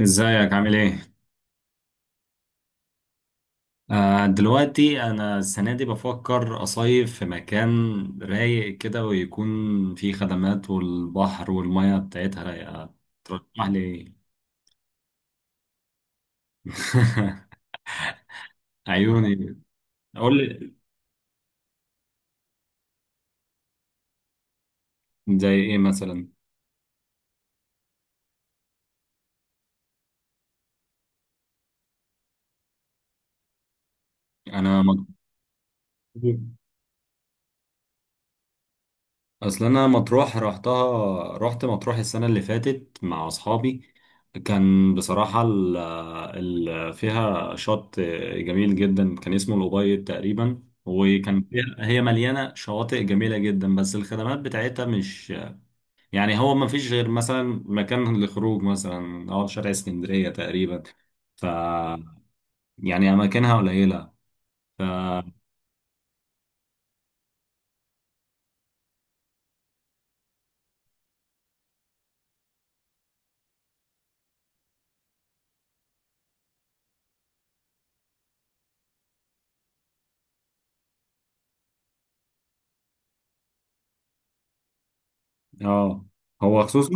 ازيك عامل ايه؟ دلوقتي انا السنه دي بفكر اصيف في مكان رايق كده، ويكون فيه خدمات والبحر والميه بتاعتها رايقه. تسمح لي ايه؟ عيوني. قول لي. زي ايه مثلا؟ انا مضغوط. اصل انا مطروح رحتها، رحت مطروح السنه اللي فاتت مع اصحابي. كان بصراحه ال ال فيها شط جميل جدا، كان اسمه الأبيض تقريبا، وكان فيها، هي مليانه شواطئ جميله جدا، بس الخدمات بتاعتها مش هو ما فيش غير مثلا مكان للخروج مثلا، او شارع اسكندريه تقريبا. ف اماكنها قليله. ف اه. هو خصوصا،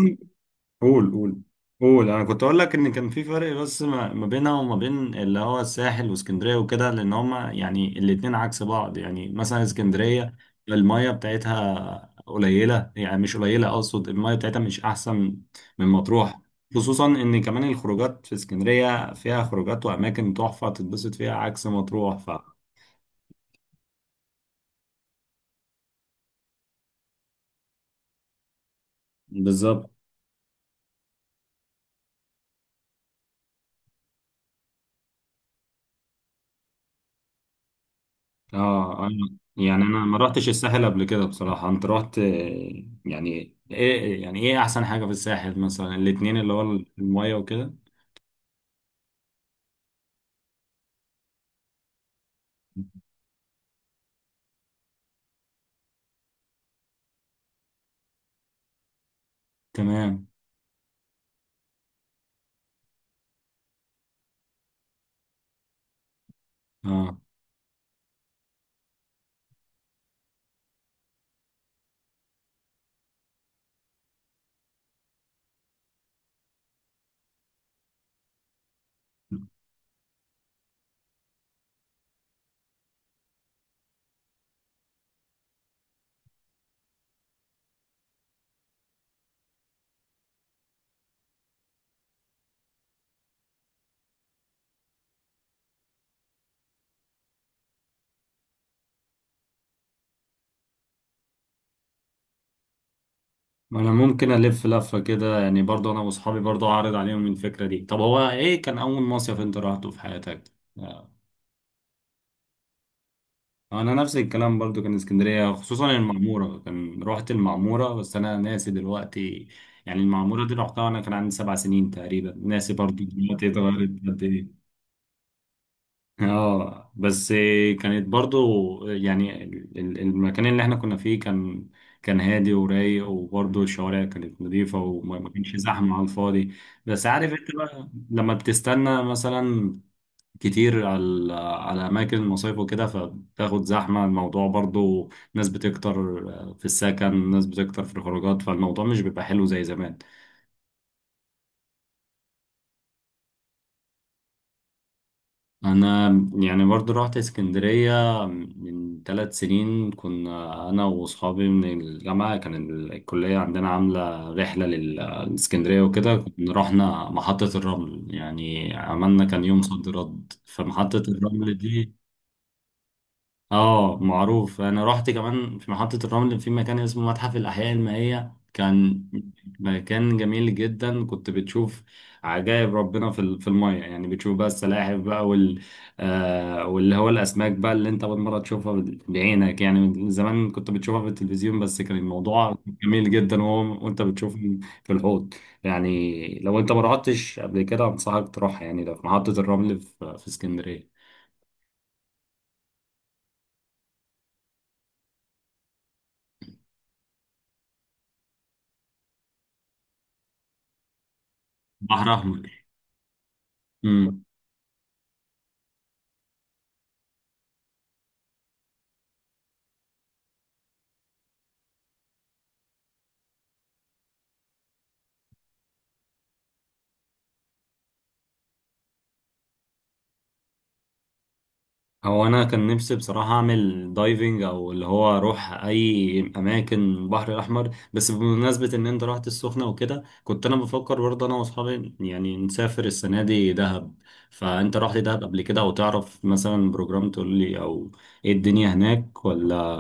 قول. قول انا كنت اقول لك ان كان في فرق بس ما بينها وما بين اللي هو الساحل واسكندريه وكده، لان هما الاتنين عكس بعض. يعني مثلا اسكندريه الميه بتاعتها قليله، يعني مش قليله، اقصد الميه بتاعتها مش احسن من مطروح. خصوصا ان كمان الخروجات في اسكندريه فيها خروجات واماكن تحفه تتبسط فيها عكس مطروح. بالظبط. اه انا انا ما رحتش الساحل قبل كده بصراحة، انت رحت، يعني ايه، يعني ايه احسن حاجة في الساحل مثلا، الاتنين اللي هو المية وكده. تمام. اه انا ممكن الف لفة كده، يعني برضه انا واصحابي برضه اعرض عليهم الفكرة دي. طب هو ايه كان اول مصيف انت رحته في حياتك؟ آه. انا نفس الكلام برضه، كان اسكندرية، خصوصا المعمورة، كان رحت المعمورة بس انا ناسي دلوقتي. يعني المعمورة دي رحتها وانا كان عندي 7 سنين تقريبا، ناسي برضه دلوقتي اتغيرت قد ايه. اه بس كانت برضو المكان اللي احنا كنا فيه كان، كان هادي ورايق، وبرضو الشوارع كانت نظيفة، وما ما كانش زحمة على الفاضي. بس عارف انت بقى لما بتستنى مثلا كتير على اماكن المصايف وكده، فبتاخد زحمة الموضوع، برضو ناس بتكتر في السكن، ناس بتكتر في الخروجات، فالموضوع مش بيبقى حلو زي زمان. انا يعني برضو رحت اسكندرية من 3 سنين، كنا انا واصحابي من الجامعة، كان الكلية عندنا عاملة رحلة لاسكندرية وكده، كنا رحنا محطة الرمل. يعني عملنا كان يوم صد رد. فمحطة الرمل دي اه معروف. انا رحت كمان في محطة الرمل في مكان اسمه متحف الأحياء المائية، كان مكان جميل جدا. كنت بتشوف عجائب ربنا في المية، يعني بتشوف بقى السلاحف بقى آه واللي هو الأسماك بقى، اللي أنت أول مرة تشوفها بعينك، يعني من زمان كنت بتشوفها في التلفزيون بس. كان الموضوع جميل جدا، وهو وأنت بتشوف في الحوض. يعني لو أنت ما رحتش قبل كده أنصحك تروح، يعني ده في محطة الرمل في في اسكندرية. بحر أحمر. هو انا كان نفسي بصراحه اعمل دايفنج، او اللي هو اروح اي اماكن البحر الاحمر، بس بمناسبه ان انت رحت السخنه وكده، كنت انا بفكر برضه انا واصحابي يعني نسافر السنه دي دهب. فانت رحت دهب قبل كده؟ او تعرف مثلا بروجرام تقول لي، او ايه الدنيا هناك ولا؟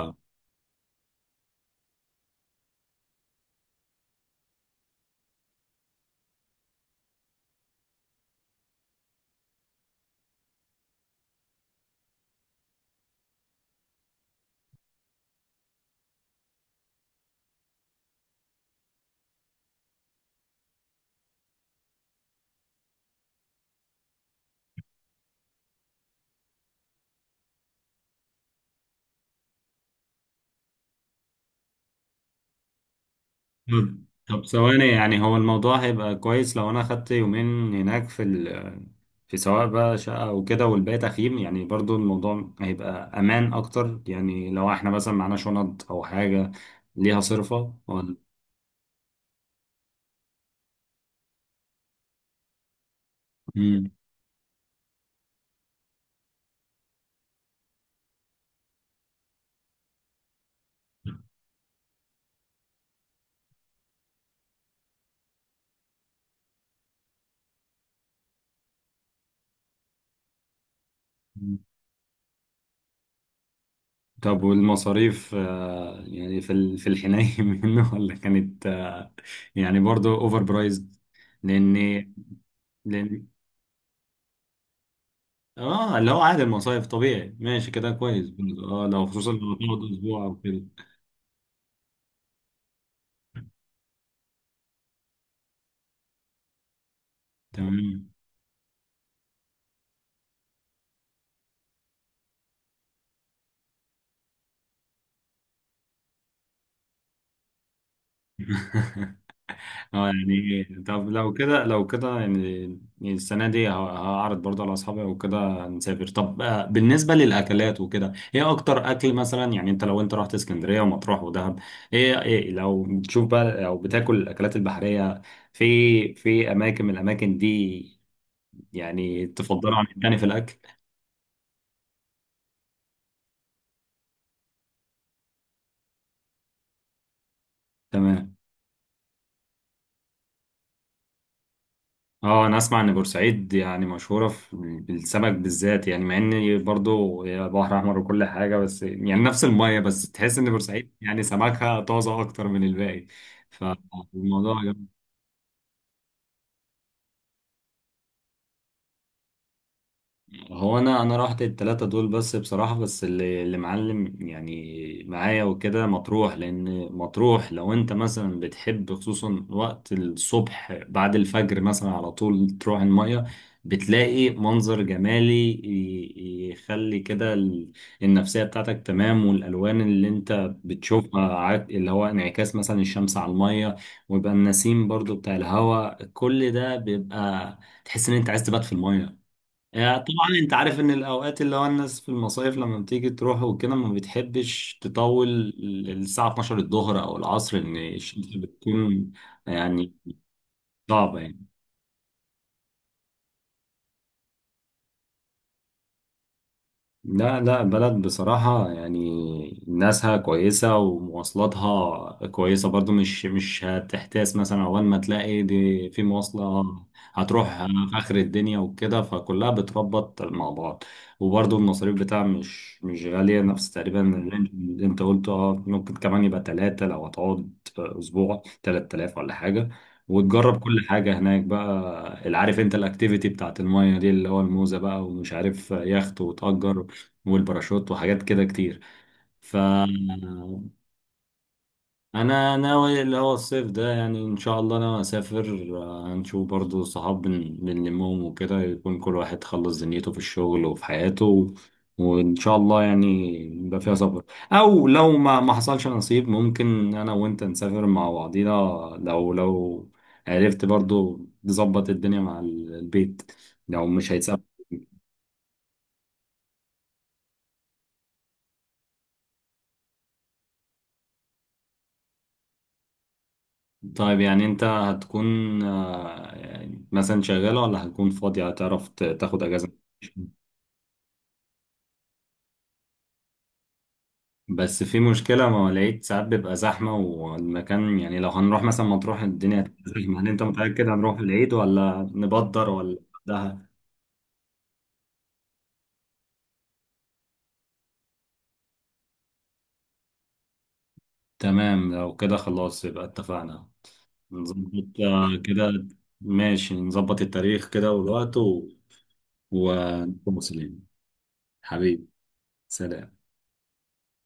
طب ثواني، يعني هو الموضوع هيبقى كويس لو انا اخدت يومين هناك في سواء بقى شقة وكده، والباقي تخييم؟ يعني برضو الموضوع هيبقى امان اكتر، يعني لو احنا مثلا معانا شنط او حاجة ليها صرفة ولا؟ مم. مم. طب والمصاريف، يعني في الحناية منه، ولا كانت يعني برضو اوفر برايزد؟ لان لان اه، اللي هو عادي، المصايف طبيعي، ماشي كده كويس برضو. اه لو خصوصا لو تقعد اسبوع او كده. تمام. اه يعني، طب لو كده، يعني، يعني السنة دي هعرض برضه على أصحابي وكده نسافر. طب بالنسبة للأكلات وكده، إيه أكتر أكل مثلا؟ يعني أنت لو أنت رحت اسكندرية ومطروح ودهب، إيه، لو بتشوف بقى أو بتاكل الأكلات البحرية في أماكن من الأماكن دي، يعني تفضلها عن التاني في الأكل؟ تمام. اه انا اسمع ان بورسعيد يعني مشهوره في، بالسمك بالذات، يعني مع ان برضو هي بحر احمر وكل حاجه، بس يعني نفس الميه، بس تحس ان بورسعيد يعني سمكها طازه اكتر من الباقي. فالموضوع، هو انا رحت التلاتة دول بس بصراحة، بس اللي معلم يعني معايا وكده مطروح، لان مطروح لو انت مثلا بتحب خصوصا وقت الصبح بعد الفجر مثلا، على طول تروح المية، بتلاقي منظر جمالي يخلي كده النفسية بتاعتك تمام. والالوان اللي انت بتشوفها، اللي هو انعكاس مثلا الشمس على المية، ويبقى النسيم برضو بتاع الهواء، كل ده بيبقى تحس ان انت عايز تبات في المية. يعني طبعا انت عارف ان الاوقات اللي هو الناس في المصايف، لما بتيجي تروح وكده ما بتحبش تطول، الساعة 12 الظهر او العصر، ان الشمس بتكون يعني صعبة يعني. لا لا، بلد بصراحة يعني ناسها كويسة ومواصلاتها كويسة برضو، مش هتحتاس. مثلا أول ما تلاقي دي في مواصلة هتروح في آخر الدنيا وكده، فكلها بتربط مع بعض. وبرضو المصاريف بتاعها مش غالية، نفس تقريبا الرينج اللي أنت قلته. اه ممكن كمان يبقى تلاتة، لو هتقعد أسبوع 3 آلاف ولا حاجة، وتجرب كل حاجة هناك بقى، اللي عارف انت الاكتيفيتي بتاعت المايه دي، اللي هو الموزة بقى، ومش عارف يخت وتأجر، والباراشوت وحاجات كده كتير. ف انا ناوي اللي هو الصيف ده، يعني ان شاء الله انا اسافر. هنشوف برضو صحاب، بنلمهم وكده، يكون كل واحد خلص دنيته في الشغل وفي حياته و... وان شاء الله يعني يبقى فيها سفر. او لو ما حصلش نصيب، ممكن انا وانت نسافر مع بعضينا، لو عرفت برضو تظبط الدنيا مع البيت، لو مش هيتسافر. طيب يعني انت هتكون يعني مثلا شغالة ولا هتكون فاضية، هتعرف تاخد اجازة؟ بس في مشكلة، ما لقيت ساعات بيبقى زحمة والمكان، يعني لو هنروح مثلا مطروح الدنيا هتبقى زحمة، هل انت متأكد هنروح العيد ولا نبدر ولا؟ ده تمام، لو كده خلاص يبقى اتفقنا. نظبط كده، ماشي، نظبط التاريخ كده والوقت و... ونكون مسلمين. حبيبي، سلام.